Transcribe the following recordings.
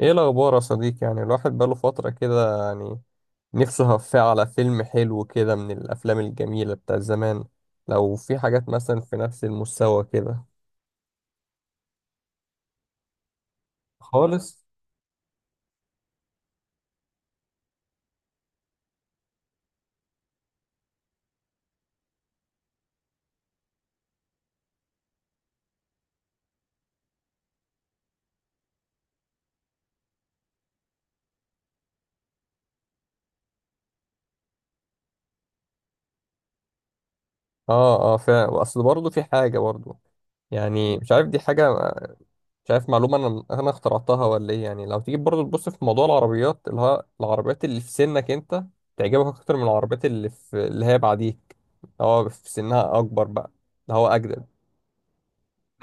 ايه الاخبار يا صديقي؟ يعني الواحد بقاله فترة كده، يعني نفسه هفاه على فيلم حلو كده من الافلام الجميلة بتاع زمان. لو في حاجات مثلا في نفس المستوى كده خالص. اه اه فعلا، اصل برضه في حاجة برضه، يعني مش عارف دي حاجة. مش عارف معلومة انا اخترعتها ولا ايه، يعني لو تيجي برضه تبص في موضوع العربيات، اللي هو العربيات اللي في سنك انت تعجبك اكتر من العربيات اللي في اللي هي بعديك، اللي هو في سنها اكبر بقى، اللي هو اجدد.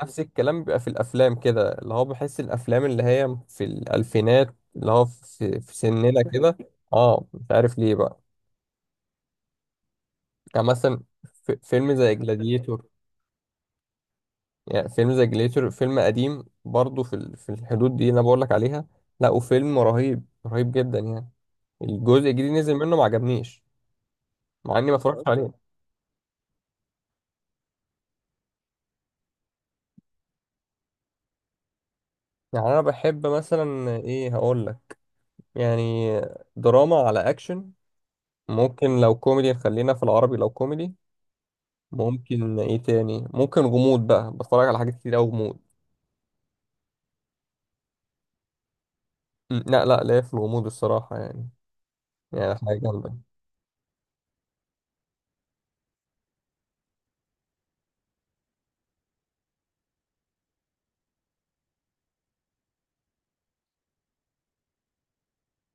نفس الكلام بيبقى في الافلام كده، اللي هو بحس الافلام اللي هي في الالفينات اللي هو في سننا كده. اه مش عارف ليه بقى. يعني مثلا في فيلم زي جلاديتور. يعني فيلم زي جلاديتور فيلم قديم برضه في في الحدود دي اللي انا بقول لك عليها. لا، وفيلم رهيب رهيب جدا يعني. الجزء الجديد نزل منه ما عجبنيش، مع اني ما اتفرجتش عليه. يعني انا بحب مثلا ايه هقول لك؟ يعني دراما على اكشن. ممكن لو كوميدي نخلينا في العربي لو كوميدي. ممكن ايه تاني؟ ممكن غموض بقى، بتفرج على حاجات كتير قوي غموض. لا لا لا، في الغموض الصراحة يعني، يعني حاجة جامدة.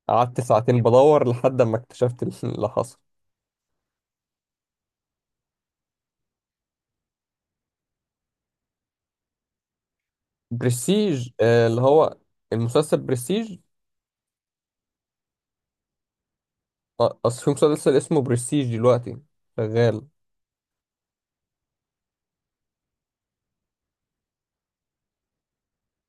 قعدت ساعتين بدور لحد ما اكتشفت اللي حصل. برستيج آه، اللي هو المسلسل برستيج. آه، اصل في مسلسل اسمه برستيج دلوقتي شغال.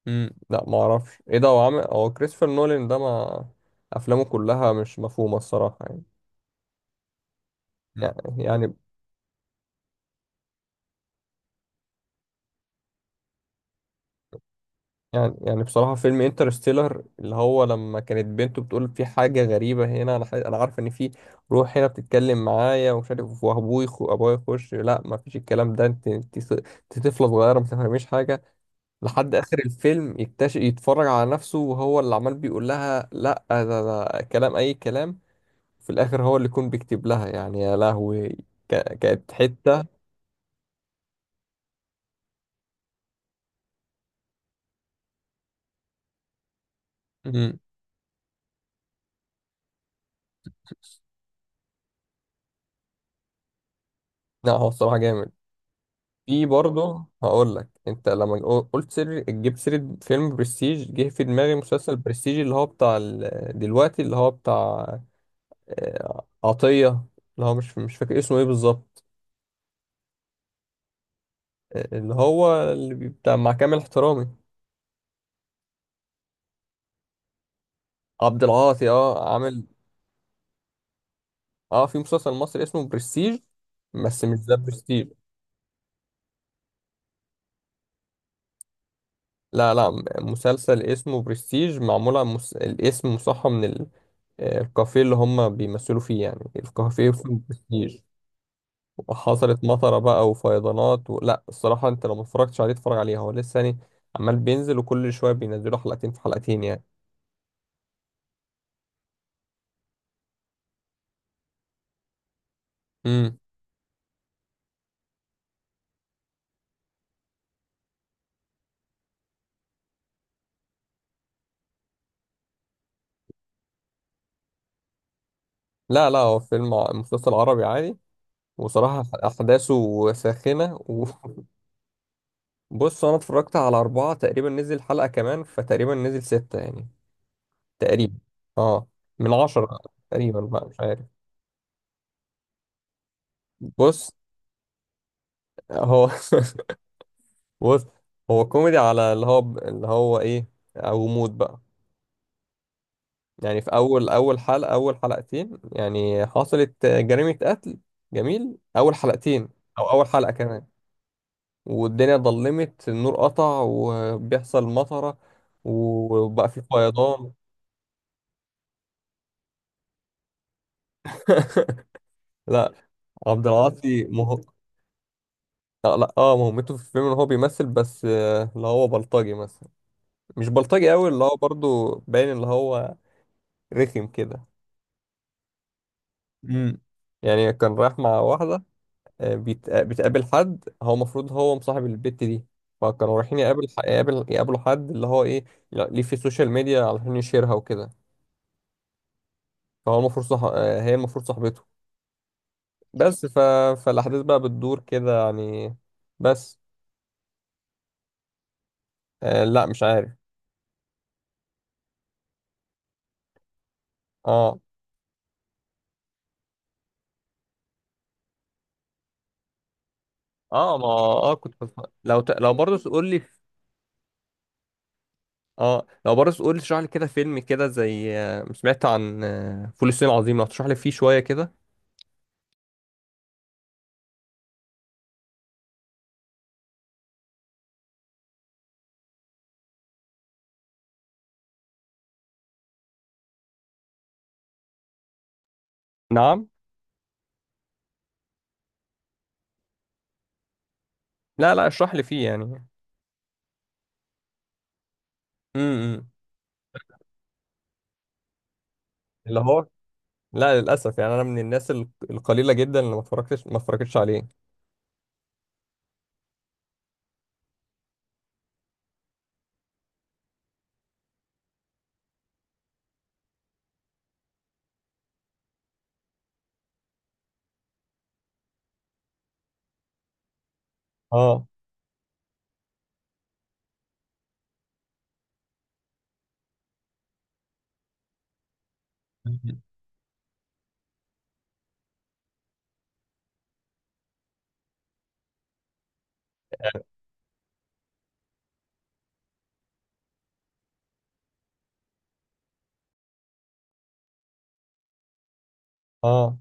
لا ما اعرفش ايه ده. هو عامل، هو كريستوفر نولان ده، ما افلامه كلها مش مفهومة الصراحة يعني. يعني يعني يعني بصراحة فيلم انترستيلر، اللي هو لما كانت بنته بتقول في حاجة غريبة هنا، أنا أنا عارف إن في روح هنا بتتكلم معايا ومش عارف، وأبوي أبويا يخش، لا ما فيش الكلام ده، أنت أنت أنت طفلة صغيرة ما تفهميش حاجة. لحد آخر الفيلم يكتشف يتفرج على نفسه وهو اللي عمال بيقول لها لا، ده كلام أي كلام. في الآخر هو اللي يكون بيكتب لها، يعني يا لهوي. كانت حتة. مم. لا هو الصراحة جامد. في برضه هقول لك، انت لما قلت سر جبت سيرة فيلم برستيج جه في دماغي مسلسل برستيج اللي هو بتاع دلوقتي اللي هو بتاع آه، عطية، اللي هو مش فاكر اسمه ايه بالظبط. آه، اللي هو اللي بتاع مع كامل احترامي، عبد العاطي، اه عامل. اه في مسلسل مصري اسمه برستيج، بس مش ده برستيج. لا لا. مسلسل اسمه برستيج معمول عن مس... الاسم مصحى من ال... آه، الكافيه اللي هم بيمثلوا فيه، يعني الكافيه اسمه برستيج. حصلت مطره بقى وفيضانات و... لا الصراحه انت لو ما اتفرجتش عليه اتفرج عليه، هو لسه يعني عمال بينزل، وكل شويه بينزلوا حلقتين في حلقتين يعني. امم، لا لا هو فيلم مسلسل عربي عادي، وصراحه احداثه ساخنه. وبص انا اتفرجت على اربعه تقريبا، نزل حلقه كمان، فتقريبا نزل سته يعني تقريبا. اه، من عشره تقريبا بقى مش عارف. بص، هو بص، هو كوميدي على اللي هو اللي هو ايه او مود بقى. يعني في اول اول حلقه، اول حلقتين يعني حصلت جريمه قتل. جميل، اول حلقتين او اول حلقه كمان والدنيا ضلمت، النور قطع وبيحصل مطره وبقى في فيضان. لا عبد العاطي مه... لا, اه مهمته في الفيلم ان هو بيمثل بس آه، اللي هو بلطجي مثلا، مش بلطجي قوي اللي هو برضو باين، اللي هو رخم كده. امم، يعني كان رايح مع واحده، آه، آه، بتقابل حد، هو المفروض هو مصاحب البت دي. فكانوا رايحين يقابل يقابل يقابلوا حد اللي هو ايه ليه في السوشيال ميديا علشان يشيرها وكده. فهو المفروض صح... آه، هي المفروض صاحبته، بس ف... فالاحداث بقى بتدور كده يعني، بس. آه لا مش عارف. اه اه ما اه كنت لو ت... لو برضه تقول لي. اه لو برضه تقول لي تشرح لي كده فيلم كده زي آه، سمعت عن آه، فول الصين العظيم لو تشرح لي فيه شوية كده. نعم؟ لا لا اشرح لي فيه يعني. امم، اللي هو لا للاسف، يعني انا من الناس القليله جدا اللي ما اتفرجتش عليه. اه اه.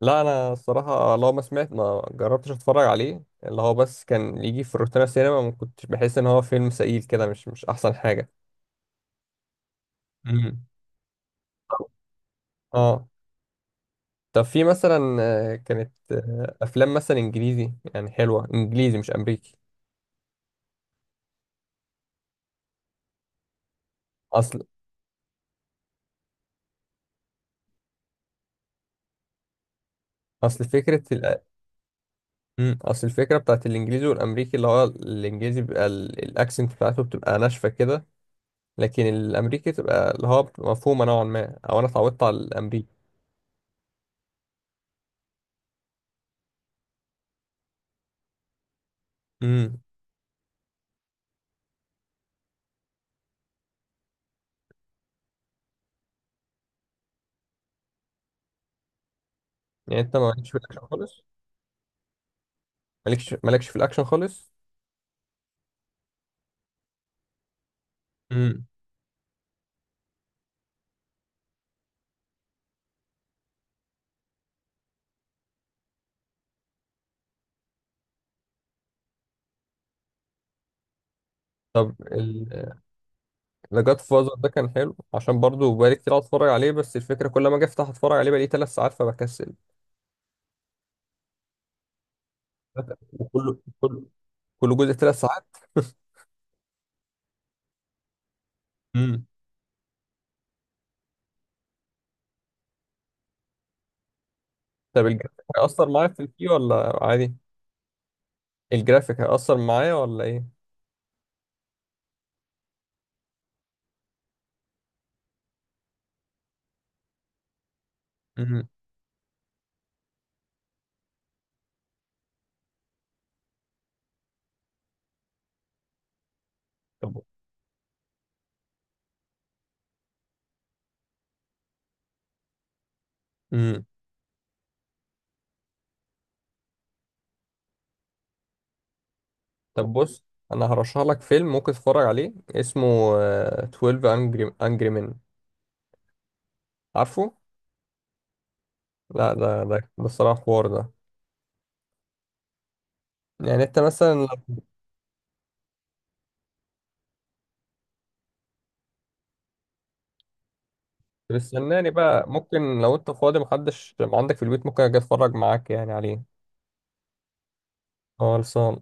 لا انا الصراحه لو ما سمعت ما جربتش اتفرج عليه، اللي هو بس كان يجي في روتانا سينما، ما كنتش بحس ان هو فيلم ثقيل كده، مش مش احسن حاجه. امم، اه. طب في مثلا آه، كانت آه، افلام مثلا انجليزي يعني حلوه، انجليزي مش امريكي. اصل اصل فكره ال... مم، اصل الفكره بتاعت الانجليزي والامريكي، اللي هو الانجليزي بيبقى الاكسنت بتاعته بتبقى ناشفه كده، لكن الامريكي بتبقى اللي هو بتبقى مفهومه نوعا ما، او انا اتعودت على الامريكي. امم. يعني انت مالكش في الاكشن خالص؟ مالكش في الاكشن خالص؟ امم. طب ذا جاد فازر ده كان حلو، عشان برضه بقالي كتير قاعد اتفرج عليه، بس الفكره كل ما اجي افتح اتفرج عليه بقالي ثلاث ساعات فبكسل. وكله كل جزء ثلاث ساعات. امم. طب الجرافيك هيأثر معايا في الفي ولا عادي؟ الجرافيك هيأثر معايا ولا ايه؟ امم. طب طب بص، انا هرشح لك فيلم ممكن تتفرج عليه، اسمه آه، 12 انجري مان. عارفه؟ لا ده الصراحه حوار ده. يعني انت مثلا لو بتستناني بقى، ممكن لو انت فاضي محدش ما عندك في البيت ممكن اجي اتفرج معاك يعني عليه. خالص.